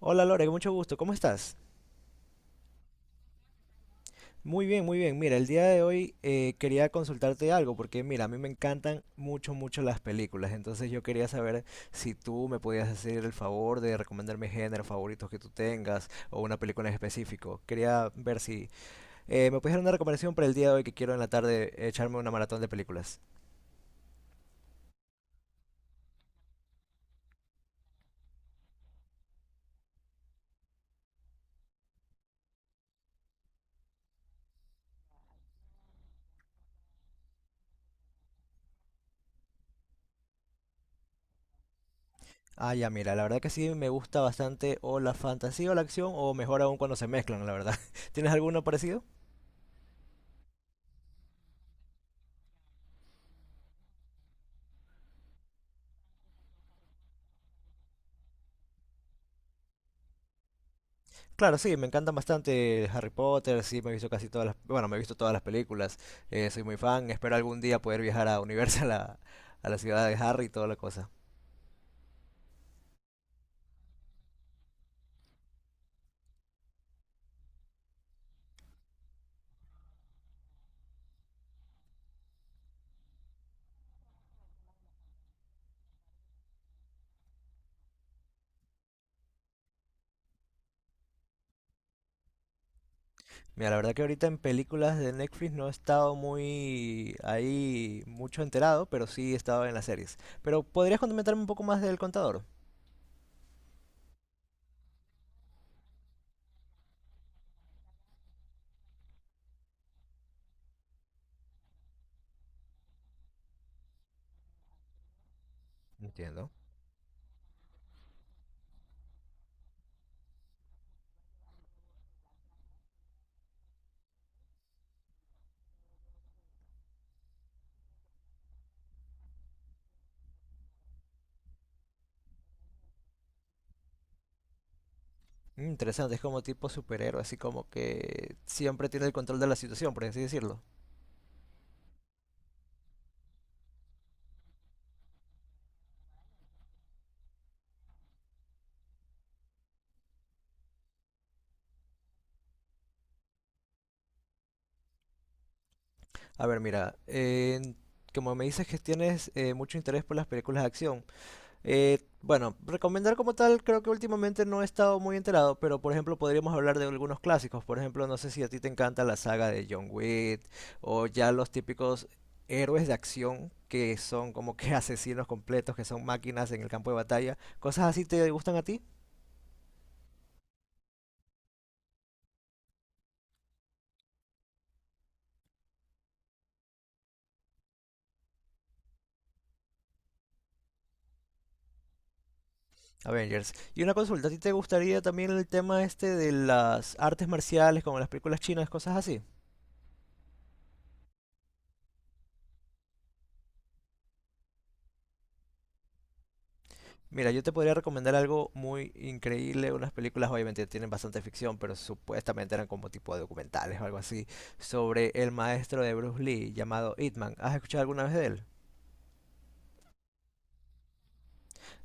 Hola Lore, mucho gusto, ¿cómo estás? Muy bien, muy bien. Mira, el día de hoy quería consultarte algo porque mira, a mí me encantan mucho, mucho las películas, entonces yo quería saber si tú me podías hacer el favor de recomendarme géneros favoritos que tú tengas o una película en específico. Quería ver si me puedes dar una recomendación para el día de hoy que quiero en la tarde echarme una maratón de películas. Ah, ya, mira, la verdad que sí me gusta bastante o la fantasía o la acción o mejor aún cuando se mezclan, la verdad. ¿Tienes alguno parecido? Claro, sí, me encantan bastante Harry Potter, sí, me he visto casi todas las, bueno, me he visto todas las películas, soy muy fan, espero algún día poder viajar a Universal, a la ciudad de Harry y toda la cosa. Mira, la verdad que ahorita en películas de Netflix no he estado muy ahí, mucho enterado, pero sí he estado en las series. Pero ¿podrías comentarme un poco más del Contador? Entiendo. Mm, interesante, es como tipo superhéroe, así como que siempre tiene el control de la situación, por así decirlo. A ver, mira, como me dices que tienes mucho interés por las películas de acción, bueno, recomendar como tal, creo que últimamente no he estado muy enterado, pero por ejemplo podríamos hablar de algunos clásicos. Por ejemplo, no sé si a ti te encanta la saga de John Wick o ya los típicos héroes de acción que son como que asesinos completos, que son máquinas en el campo de batalla. ¿Cosas así te gustan a ti? Avengers. Y una consulta, ¿a ti te gustaría también el tema este de las artes marciales, como las películas chinas, cosas así? Mira, yo te podría recomendar algo muy increíble, unas películas obviamente tienen bastante ficción, pero supuestamente eran como tipo de documentales o algo así, sobre el maestro de Bruce Lee llamado Ip Man. ¿Has escuchado alguna vez de él?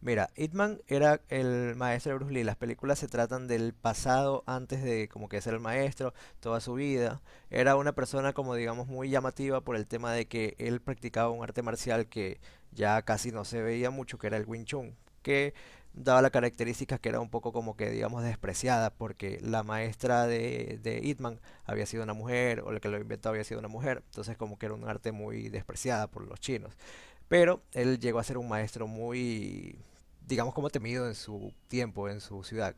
Mira, Hitman era el maestro de Bruce Lee. Las películas se tratan del pasado antes de como que ser el maestro, toda su vida. Era una persona como digamos muy llamativa por el tema de que él practicaba un arte marcial que ya casi no se veía mucho, que era el Wing Chun, que daba la característica que era un poco como que digamos despreciada porque la maestra de Hitman había sido una mujer o la que lo inventó había sido una mujer. Entonces como que era un arte muy despreciada por los chinos. Pero él llegó a ser un maestro muy, digamos, como temido en su tiempo, en su ciudad.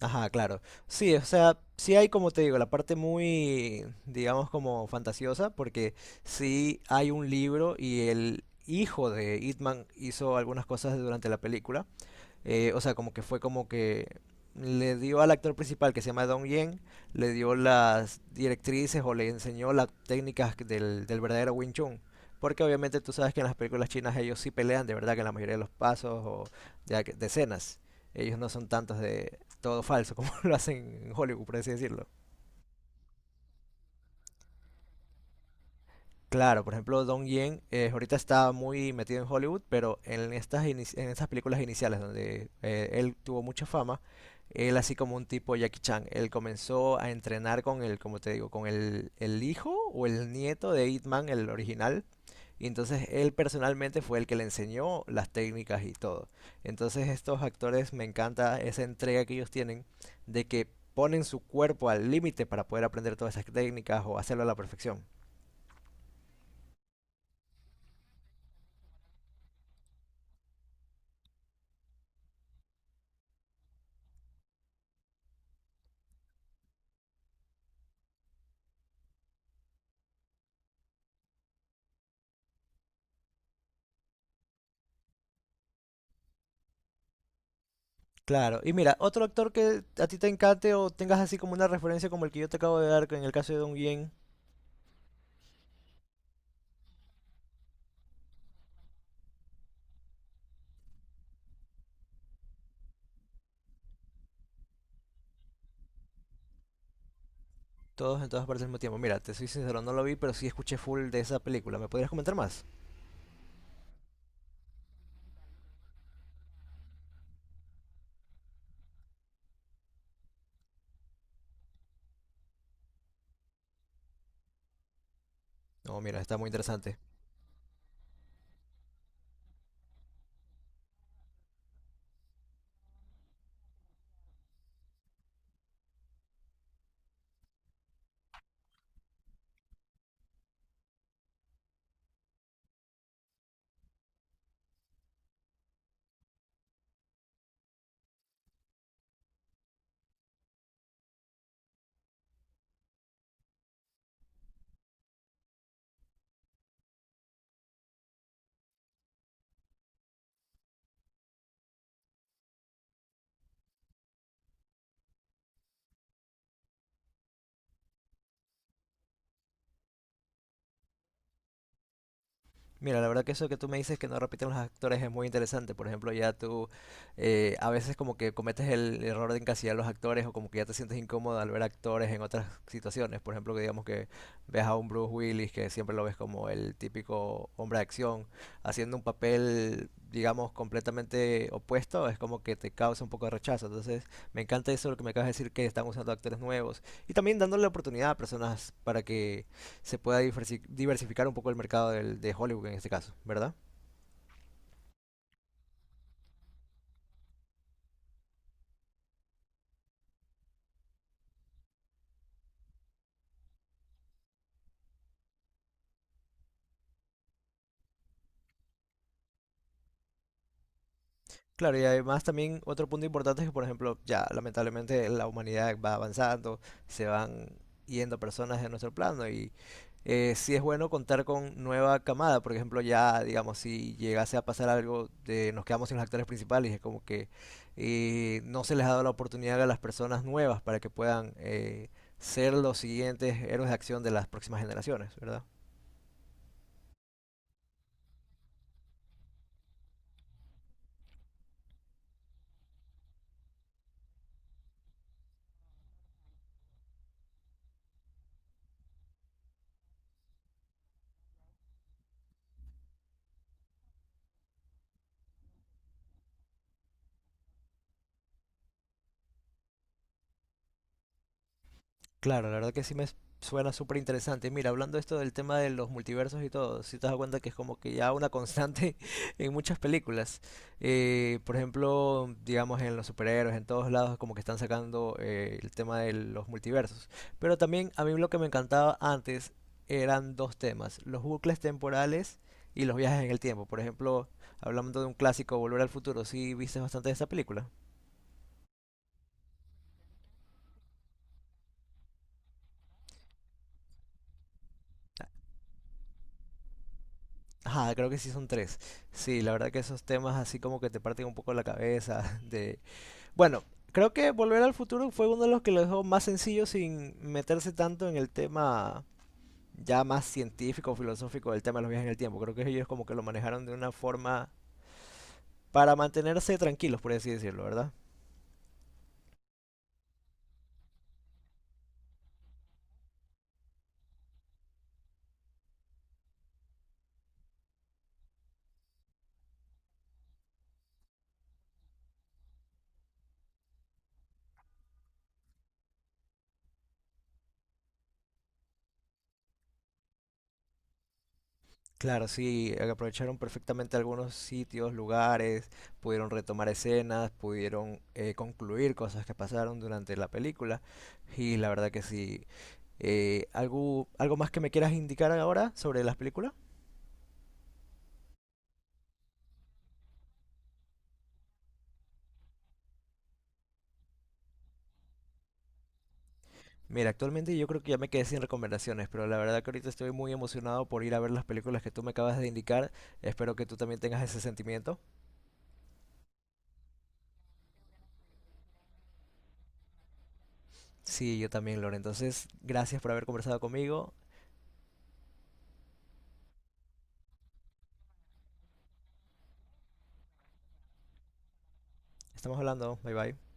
Ajá, claro. Sí, o sea, sí hay, como te digo, la parte muy, digamos, como fantasiosa, porque sí hay un libro y el hijo de Hitman hizo algunas cosas durante la película. O sea, como que fue como que le dio al actor principal que se llama Dong Yen, le dio las directrices o le enseñó las técnicas del verdadero Wing Chun. Porque obviamente tú sabes que en las películas chinas ellos sí pelean de verdad que en la mayoría de los pasos o de escenas. Ellos no son tantos de todo falso como lo hacen en Hollywood, por así decirlo. Claro, por ejemplo, Dong Yen ahorita está muy metido en Hollywood, pero en estas, en estas películas iniciales donde él tuvo mucha fama, él así como un tipo Jackie Chan, él comenzó a entrenar con el, como te digo, con el hijo o el nieto de Ip Man, el original, y entonces él personalmente fue el que le enseñó las técnicas y todo. Entonces estos actores me encanta esa entrega que ellos tienen de que ponen su cuerpo al límite para poder aprender todas esas técnicas o hacerlo a la perfección. Claro, y mira, otro actor que a ti te encante o tengas así como una referencia como el que yo te acabo de dar, que en el caso de Don Yen, todos en todas partes al mismo tiempo. Mira, te soy sincero, no lo vi, pero sí escuché full de esa película. ¿Me podrías comentar más? No, mira, está muy interesante. Mira, la verdad que eso que tú me dices que no repiten los actores es muy interesante. Por ejemplo, ya tú a veces como que cometes el error de encasillar a los actores o como que ya te sientes incómodo al ver actores en otras situaciones. Por ejemplo, que digamos que ves a un Bruce Willis que siempre lo ves como el típico hombre de acción haciendo un papel, digamos, completamente opuesto, es como que te causa un poco de rechazo. Entonces, me encanta eso lo que me acabas de decir que están usando actores nuevos y también dándole la oportunidad a personas para que se pueda diversificar un poco el mercado de Hollywood en este caso, ¿verdad? Claro, y además también otro punto importante es que, por ejemplo, ya lamentablemente la humanidad va avanzando, se van yendo personas de nuestro plano y sí es bueno contar con nueva camada, por ejemplo, ya digamos, si llegase a pasar algo de nos quedamos sin los actores principales, es como que no se les ha dado la oportunidad a las personas nuevas para que puedan ser los siguientes héroes de acción de las próximas generaciones, ¿verdad? Claro, la verdad que sí me suena súper interesante. Mira, hablando esto del tema de los multiversos y todo, si te das cuenta que es como que ya una constante en muchas películas. Por ejemplo, digamos en los superhéroes, en todos lados, como que están sacando el tema de los multiversos. Pero también a mí lo que me encantaba antes eran dos temas, los bucles temporales y los viajes en el tiempo. Por ejemplo, hablando de un clásico, Volver al Futuro, sí viste bastante de esa película. Ajá, creo que sí son tres. Sí, la verdad que esos temas así como que te parten un poco la cabeza de... Bueno, creo que Volver al Futuro fue uno de los que lo dejó más sencillo sin meterse tanto en el tema ya más científico, filosófico del tema de los viajes en el tiempo. Creo que ellos como que lo manejaron de una forma para mantenerse tranquilos, por así decirlo, ¿verdad? Claro, sí, aprovecharon perfectamente algunos sitios, lugares, pudieron retomar escenas, pudieron concluir cosas que pasaron durante la película. Y la verdad que sí, eh, ¿algo más que me quieras indicar ahora sobre las películas? Mira, actualmente yo creo que ya me quedé sin recomendaciones, pero la verdad que ahorita estoy muy emocionado por ir a ver las películas que tú me acabas de indicar. Espero que tú también tengas ese sentimiento. Sí, yo también, Lore. Entonces, gracias por haber conversado conmigo. Estamos hablando. Bye bye.